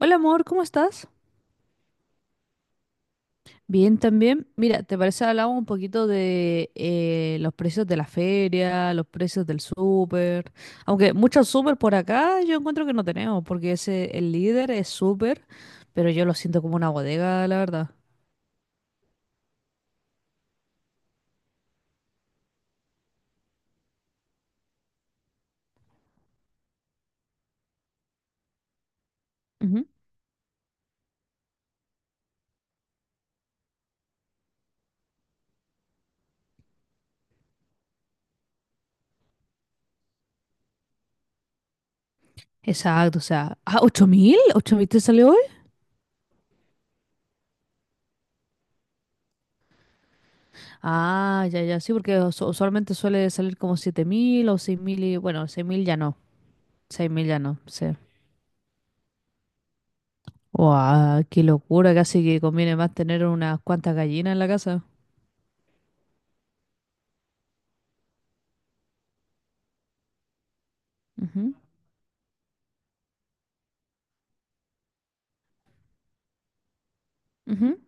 Hola amor, ¿cómo estás? Bien también. Mira, ¿te parece hablamos un poquito de los precios de la feria, los precios del súper? Aunque muchos súper por acá yo encuentro que no tenemos, porque ese, el líder es súper, pero yo lo siento como una bodega, la verdad. Ujú. Exacto, o sea, ah, ¿8.000? ¿8.000 te salió hoy? Ah, ya, ya, sí, porque usualmente suele salir como 7.000 o 6.000 y bueno, 6.000 ya no, 6.000 ya no, sí. Guau, qué locura, casi que conviene más tener unas cuantas gallinas en la casa. Ujú, ujú.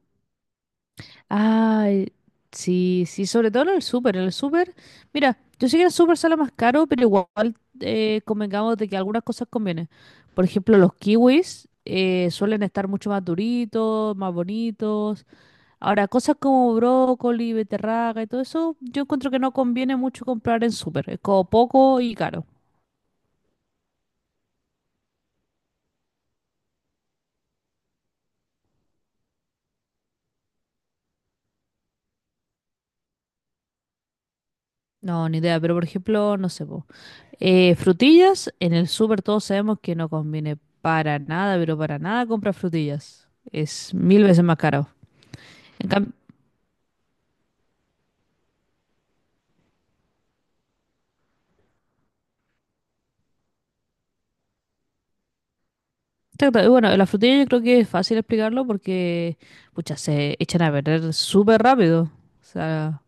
Ay, sí, sí, sobre todo en el súper, en el súper. Mira, yo sé que el súper sale más caro, pero igual convengamos de que algunas cosas convienen. Por ejemplo, los kiwis suelen estar mucho más duritos, más bonitos. Ahora, cosas como brócoli, beterraga y todo eso, yo encuentro que no conviene mucho comprar en súper. Es como poco y caro. No, ni idea, pero por ejemplo, no sé, po. Frutillas, en el súper todos sabemos que no conviene para nada, pero para nada comprar frutillas. Es mil veces más caro. En cam- Exacto, y bueno, las frutillas yo creo que es fácil explicarlo porque, pucha, se echan a perder súper rápido. O sea,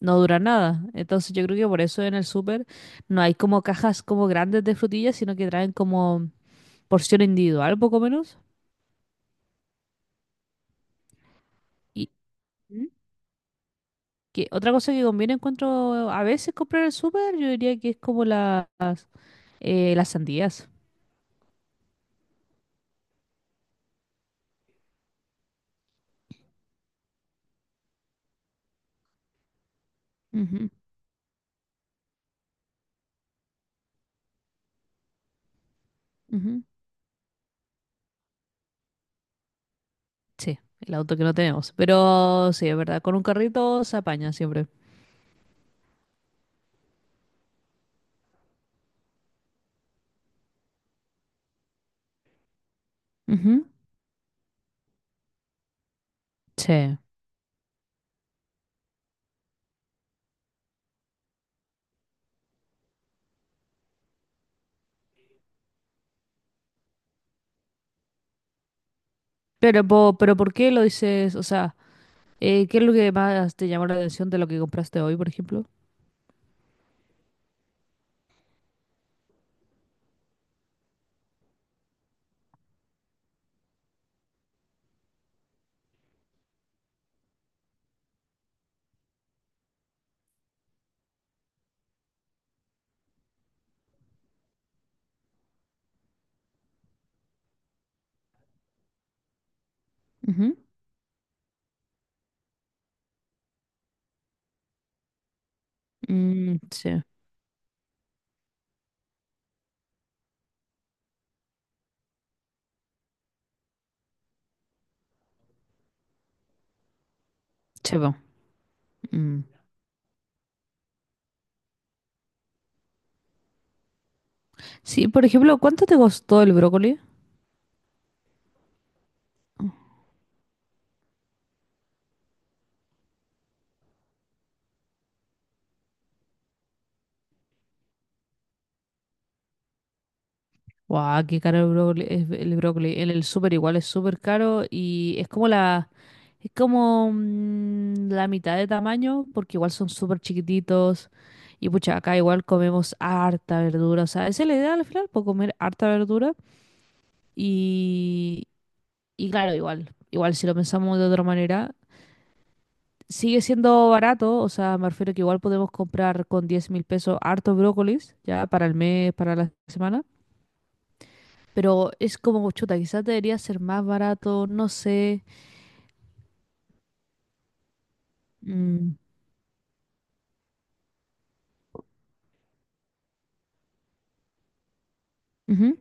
no dura nada. Entonces yo creo que por eso en el súper no hay como cajas como grandes de frutillas, sino que traen como porción individual, poco menos. Y ¿Mm? Que otra cosa que conviene encuentro a veces comprar en el súper, yo diría que es como las sandías. Ujú, ujú. Sí, el auto que no tenemos. Pero sí, es verdad, con un carrito se apaña siempre. Ujú. Sí. Pero, pero ¿por qué lo dices? O sea, ¿qué es lo que más te llamó la atención de lo que compraste hoy, por ejemplo? Ujú. Mm, sí. Sí, po. Mm. Sí, por ejemplo, ¿cuánto te costó el brócoli? Guau, qué caro el brócoli. Es El brócoli. En el súper igual es súper caro y es como es como mm, la mitad de tamaño porque igual son súper chiquititos y pucha, acá igual comemos harta verdura. O sea, esa es la idea al final, por comer harta verdura y, y claro, igual, igual si lo pensamos de otra manera, sigue siendo barato. O sea, me refiero que igual podemos comprar con 10.000 pesos hartos brócolis ya para el mes, para la semana. Pero es como, chuta, quizás debería ser más barato, no sé. Mm, ujú.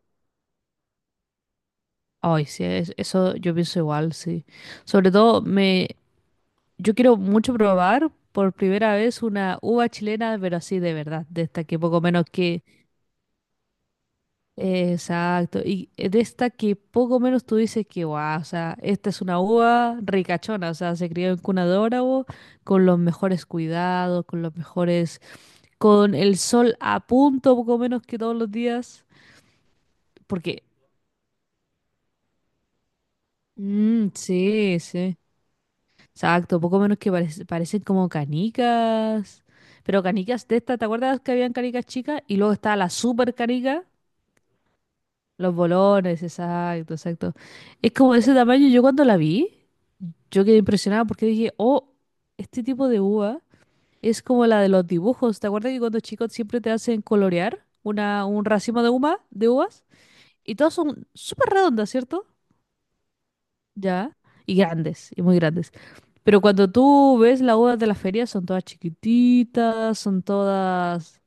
Ay, sí, eso yo pienso igual, sí. Sobre todo, yo quiero mucho probar por primera vez una uva chilena, pero así de verdad, de esta que poco menos que… Exacto, y de esta que poco menos tú dices que, guau, o sea, esta es una uva ricachona, o sea, se crió en cuna de oro, con los mejores cuidados, con los mejores, con el sol a punto, poco menos que todos los días. Porque, mm, sí, sí. Exacto, poco menos que parecen como canicas. Pero canicas de estas, ¿te acuerdas que habían canicas chicas? Y luego está la super canica, los bolones, exacto, exacto. Es como de ese tamaño. Yo cuando la vi, yo quedé impresionada porque dije, oh, este tipo de uva es como la de los dibujos. ¿Te acuerdas que cuando chicos siempre te hacen colorear una, un racimo de uva, de uvas? Y todas son súper redondas, ¿cierto? Ya, y grandes, y muy grandes. Pero cuando tú ves las uvas de la feria, son todas chiquititas, son todas…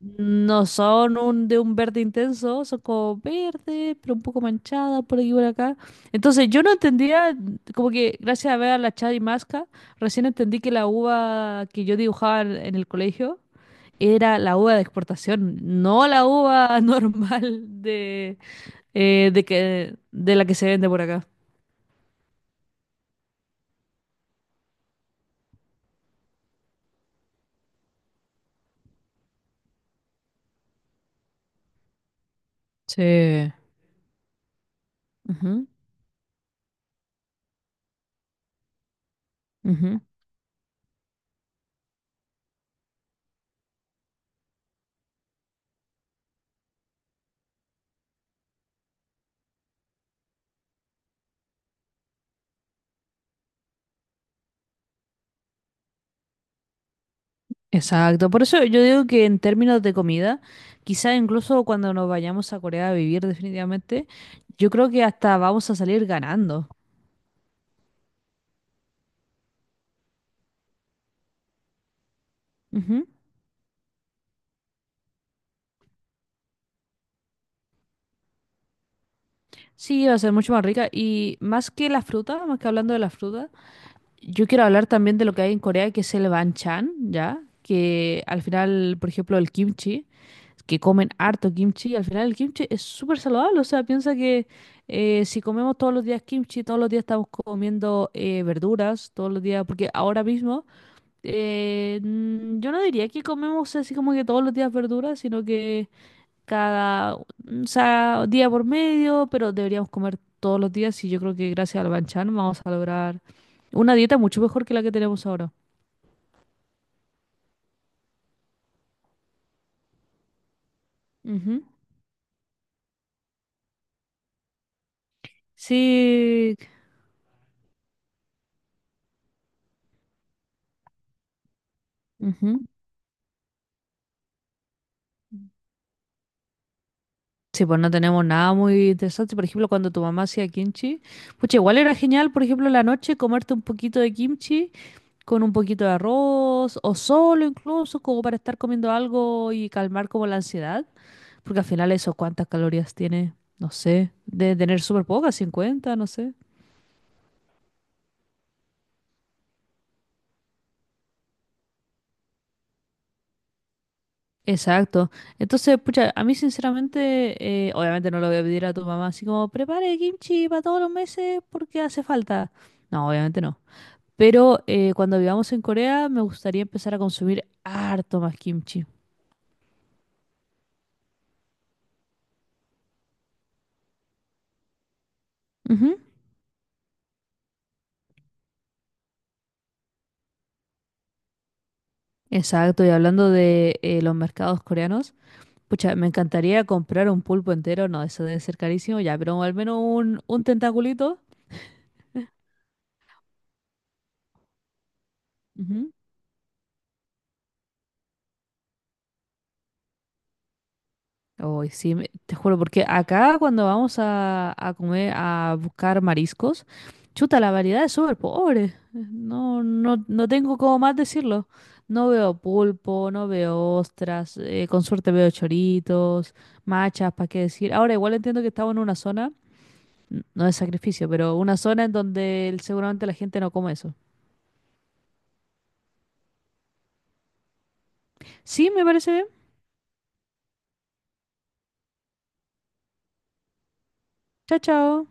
No son un, de un verde intenso, son como verde, pero un poco manchada por aquí y por acá. Entonces yo no entendía, como que gracias a ver a la Chadi Masca, recién entendí que la uva que yo dibujaba en el colegio era la uva de exportación, no la uva normal de, de la que se vende por acá. Sí. Ujú, ujú. Exacto, por eso yo digo que en términos de comida, quizá incluso cuando nos vayamos a Corea a vivir definitivamente, yo creo que hasta vamos a salir ganando. Ujú. Sí, va a ser mucho más rica y más que la fruta, más que hablando de la fruta, yo quiero hablar también de lo que hay en Corea, que es el banchan, ¿ya? Que al final, por ejemplo, el kimchi. Que comen harto kimchi, al final el kimchi es súper saludable, o sea, piensa que si comemos todos los días kimchi, todos los días estamos comiendo verduras, todos los días, porque ahora mismo yo no diría que comemos así como que todos los días verduras, sino que o sea, día por medio, pero deberíamos comer todos los días y yo creo que gracias al banchan vamos a lograr una dieta mucho mejor que la que tenemos ahora. Ujú. Sí. Ujú. Sí, pues no tenemos nada muy interesante. Por ejemplo, cuando tu mamá hacía kimchi, pucha, igual era genial, por ejemplo, en la noche comerte un poquito de kimchi con un poquito de arroz o solo incluso, como para estar comiendo algo y calmar como la ansiedad. Porque al final eso, ¿cuántas calorías tiene? No sé, de tener súper pocas, 50, no sé. Exacto. Entonces, pucha, a mí sinceramente, obviamente no lo voy a pedir a tu mamá así como, prepare kimchi para todos los meses porque hace falta. No, obviamente no. Pero cuando vivamos en Corea, me gustaría empezar a consumir harto más kimchi. Ujú. Exacto, y hablando de los mercados coreanos, pucha, me encantaría comprar un pulpo entero, no, eso debe ser carísimo ya, pero al menos un tentaculito. Ujú. Uy, sí, te juro, porque acá cuando vamos a comer, a buscar mariscos, chuta, la variedad es súper pobre. No, no, no tengo cómo más decirlo. No veo pulpo, no veo ostras, con suerte veo choritos, machas, ¿para qué decir? Ahora, igual entiendo que estamos en una zona, no es sacrificio, pero una zona en donde seguramente la gente no come eso. Sí, me parece bien. Chao, chao.